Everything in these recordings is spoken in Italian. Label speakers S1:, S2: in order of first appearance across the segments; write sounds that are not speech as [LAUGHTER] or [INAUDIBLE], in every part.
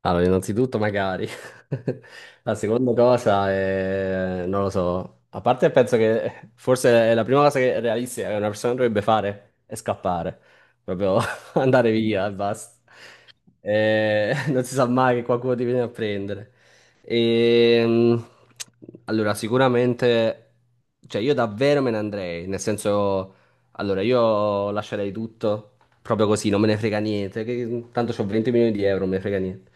S1: Allora, innanzitutto magari. [LAUGHS] La seconda cosa è, non lo so, a parte penso che forse è la prima cosa che è realistica che una persona dovrebbe fare è scappare, proprio [LAUGHS] andare via e basta. [LAUGHS] Non si sa mai che qualcuno ti viene a prendere. Ehm, allora, sicuramente, cioè io davvero me ne andrei, nel senso, allora io lascerei tutto proprio così, non me ne frega niente, tanto ho 20 milioni di euro, non me ne frega niente.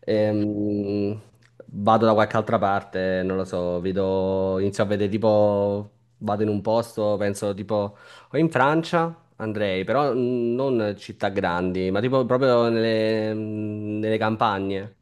S1: Ehm, vado da qualche altra parte, non lo so, vedo, inizio a vedere tipo, vado in un posto, penso tipo. O in Francia andrei, però non città grandi, ma tipo proprio nelle campagne.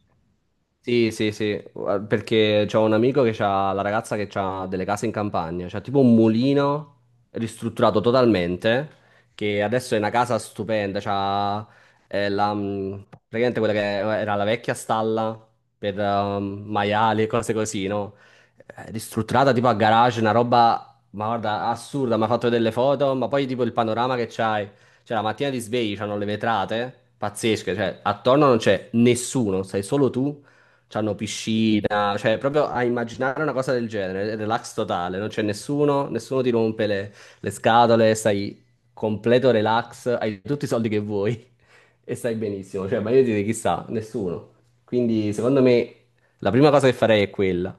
S1: Sì, sì, sì, perché c'ho un amico che ha la ragazza che ha delle case in campagna, c'ha tipo un mulino ristrutturato totalmente, che adesso è una casa stupenda, c'ha praticamente quella che era la vecchia stalla per maiali e cose così, no? Ristrutturata tipo a garage, una roba ma guarda, assurda, mi ha fatto delle foto, ma poi tipo il panorama che c'hai, cioè la mattina ti svegli, c'hanno le vetrate, pazzesche, cioè attorno non c'è nessuno, sei solo tu, c'hanno piscina, cioè proprio a immaginare una cosa del genere, è relax totale, non c'è nessuno, nessuno ti rompe le scatole, stai completo relax, hai tutti i soldi che vuoi [LAUGHS] e stai benissimo, cioè ma io direi chissà, nessuno. Quindi secondo me la prima cosa che farei è quella.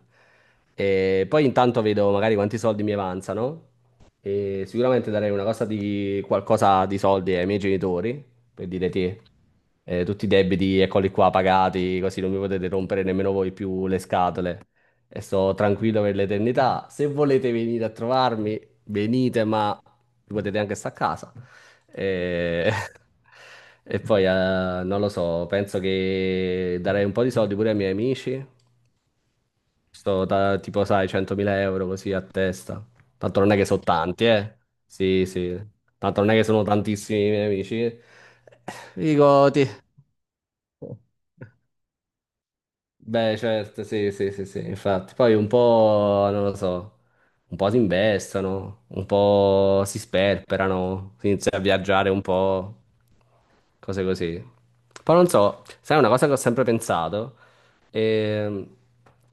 S1: E poi intanto vedo magari quanti soldi mi avanzano e sicuramente darei una cosa di qualcosa di soldi ai miei genitori, per dire te, tutti i debiti eccoli qua pagati, così non mi potete rompere nemmeno voi più le scatole e sto tranquillo per l'eternità. Se volete venire a trovarmi, venite, ma potete anche stare a casa. E, [LAUGHS] e poi non lo so, penso che darei un po' di soldi pure ai miei amici. Sto da, tipo, sai, 100.000 € così a testa. Tanto non è che sono tanti, eh. Sì, sì. Tanto non è che sono tantissimi i miei amici. Dico, ti. [LAUGHS] Beh, certo, sì, sì, sì, sì, infatti. Poi un po', non lo so, un po' si investono, un po' si sperperano, si inizia a viaggiare un po', cose così. Poi non so, sai una cosa che ho sempre pensato? Ehm,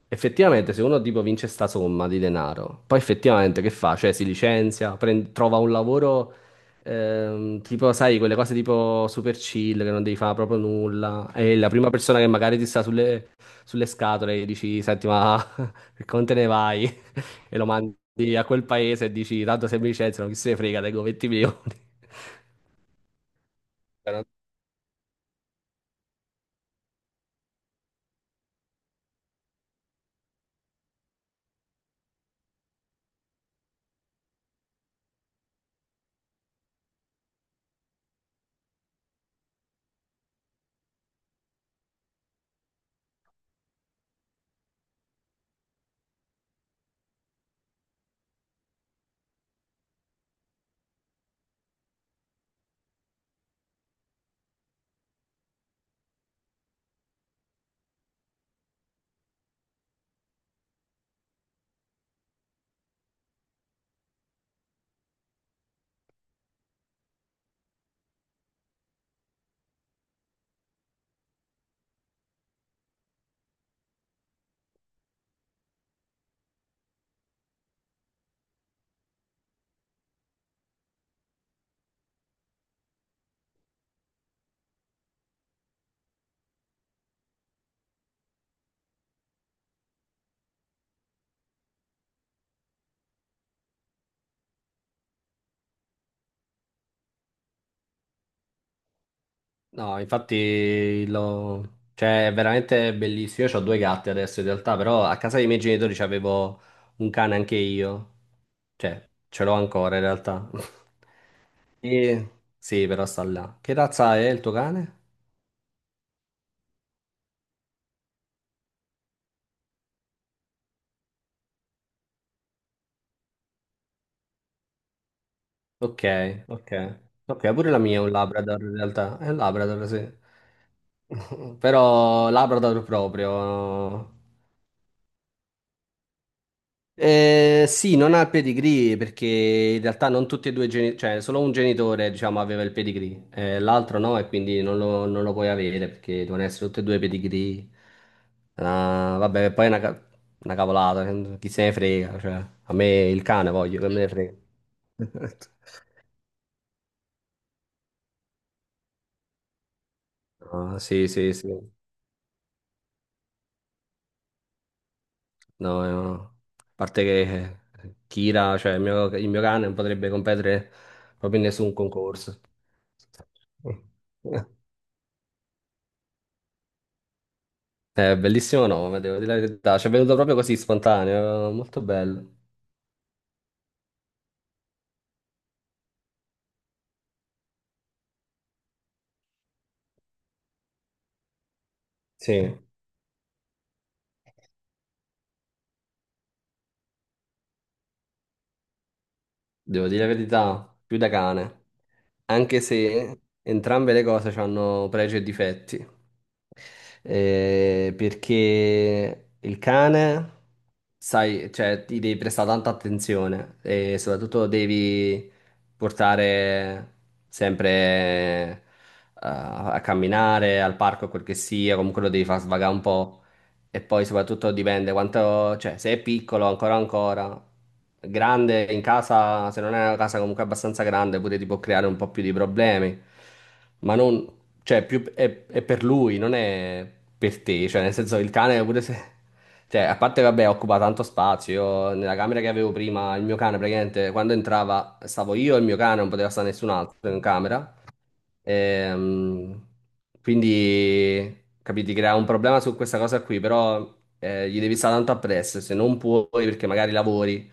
S1: effettivamente se uno tipo vince sta somma di denaro, poi effettivamente che fa? Cioè si licenzia, trova un lavoro. Tipo, sai, quelle cose tipo super chill che non devi fare proprio nulla. E la prima persona che magari ti sta sulle scatole e dici, senti, ma [LAUGHS] per come te ne vai? [LAUGHS] E lo mandi a quel paese e dici, tanto se mi licenziano, chi se ne frega, tengo 20 milioni. [LAUGHS] Cioè, no, infatti cioè, è veramente bellissimo. Io ho due gatti adesso in realtà, però a casa dei miei genitori c'avevo un cane anche io. Cioè, ce l'ho ancora in realtà. [LAUGHS] E... Sì, però sta là. Che razza è il tuo cane? Ok, ok. Ok, pure la mia è un Labrador in realtà. È un Labrador, sì. [LAUGHS] Però Labrador proprio. Sì, non ha il pedigree perché in realtà non tutti e due i genitori, cioè solo un genitore, diciamo, aveva il pedigree, l'altro no, e quindi non lo puoi avere perché devono essere tutti e due pedigree. Ah, vabbè, poi è una cavolata, chi se ne frega, cioè, a me il cane voglio, che me ne frega. [LAUGHS] Ah, sì, sì, sì. No, no. A parte che Kira, cioè il mio cane, non potrebbe competere proprio in nessun concorso. [LAUGHS] È bellissimo nome, devo dire la verità. Ci è venuto proprio così spontaneo, molto bello. Sì, devo dire la verità, più da cane. Anche se entrambe le cose hanno pregi e difetti. Perché il cane, sai, cioè, ti devi prestare tanta attenzione e soprattutto devi portare sempre a camminare, al parco, quel che sia, comunque lo devi far svagare un po'. E poi soprattutto dipende quanto, cioè, se è piccolo ancora ancora, grande in casa, se non è una casa comunque abbastanza grande, pure ti può creare un po' più di problemi. Ma non, cioè, più, è per lui, non è per te. Cioè, nel senso, il cane pure se. Cioè, a parte, vabbè, occupa tanto spazio. Io, nella camera che avevo prima, il mio cane, praticamente, quando entrava, stavo io e il mio cane, non poteva stare nessun altro in camera. Ehm, quindi, capiti, crea un problema su questa cosa qui, però gli devi stare tanto appresso, se non puoi perché magari lavori,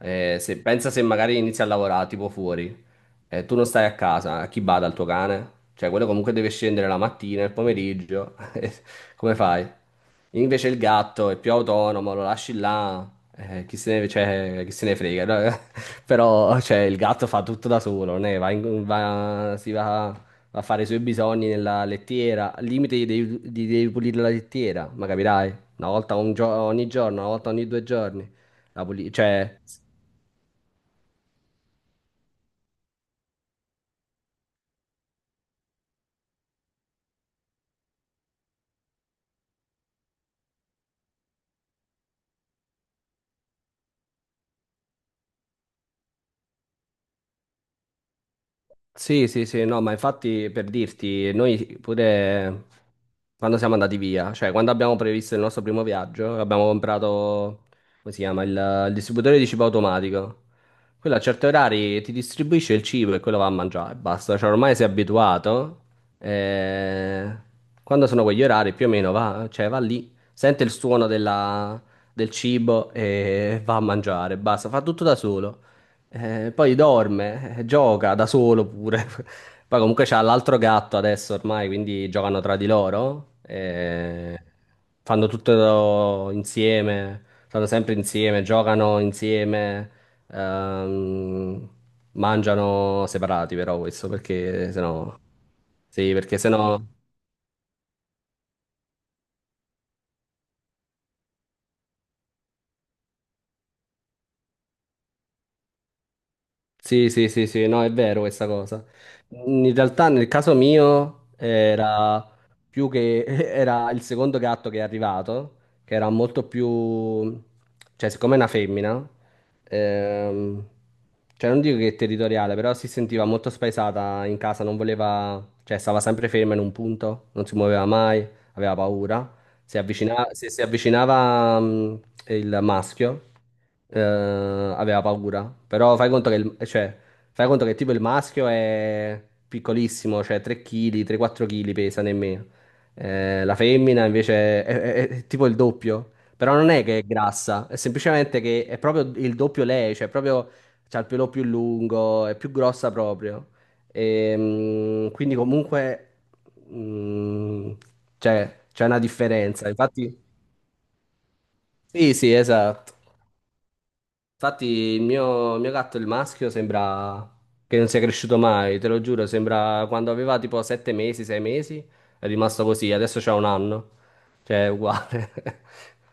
S1: pensa se magari inizi a lavorare tipo fuori, tu non stai a casa, a chi bada il tuo cane? Cioè, quello comunque deve scendere la mattina, il pomeriggio, [LAUGHS] come fai? Invece il gatto è più autonomo, lo lasci là, chi se ne, cioè, chi se ne frega, no? [LAUGHS] Però cioè, il gatto fa tutto da solo, ne va in- va- si va va a fare i suoi bisogni nella lettiera. Al limite gli devi pulire la lettiera, ma capirai? Una volta ogni giorno, una volta ogni 2 giorni. Cioè. Sì, sì, sì, no, ma infatti per dirti, noi pure quando siamo andati via, cioè quando abbiamo previsto il nostro primo viaggio, abbiamo comprato, come si chiama, il, distributore di cibo automatico. Quello a certi orari ti distribuisce il cibo e quello va a mangiare, basta, cioè ormai sei abituato. eh, Quando sono quegli orari più o meno va, cioè va lì, sente il suono del cibo e va a mangiare, basta, fa tutto da solo. Poi dorme, gioca da solo pure. [LAUGHS] Poi comunque c'ha l'altro gatto adesso ormai, quindi giocano tra di loro. Fanno tutto insieme, stanno sempre insieme, giocano insieme, ehm, mangiano separati però questo perché sennò. Sì, perché sennò. Sì, sì, sì, sì, no, è vero questa cosa. In realtà nel caso mio era più che [LAUGHS] era il secondo gatto che è arrivato, che era molto più, cioè, siccome è una femmina, ehm, cioè non dico che è territoriale, però si sentiva molto spaesata in casa, non voleva, cioè stava sempre ferma in un punto, non si muoveva mai, aveva paura. Se si avvicinava il maschio, aveva paura. Però fai conto che, cioè, fai conto che tipo il maschio è piccolissimo, cioè 3 kg, 3-4 kg pesa nemmeno. La femmina invece è tipo il doppio. Però non è che è grassa, è semplicemente che è proprio il doppio lei, cioè proprio c'ha il pelo più lungo, è più grossa proprio. Quindi comunque mh, c'è una differenza. Infatti, sì, sì, esatto. Infatti il mio gatto, il maschio, sembra che non sia cresciuto mai, te lo giuro, sembra quando aveva tipo 7 mesi, 6 mesi, è rimasto così, adesso c'ha un anno, cioè è uguale. [LAUGHS]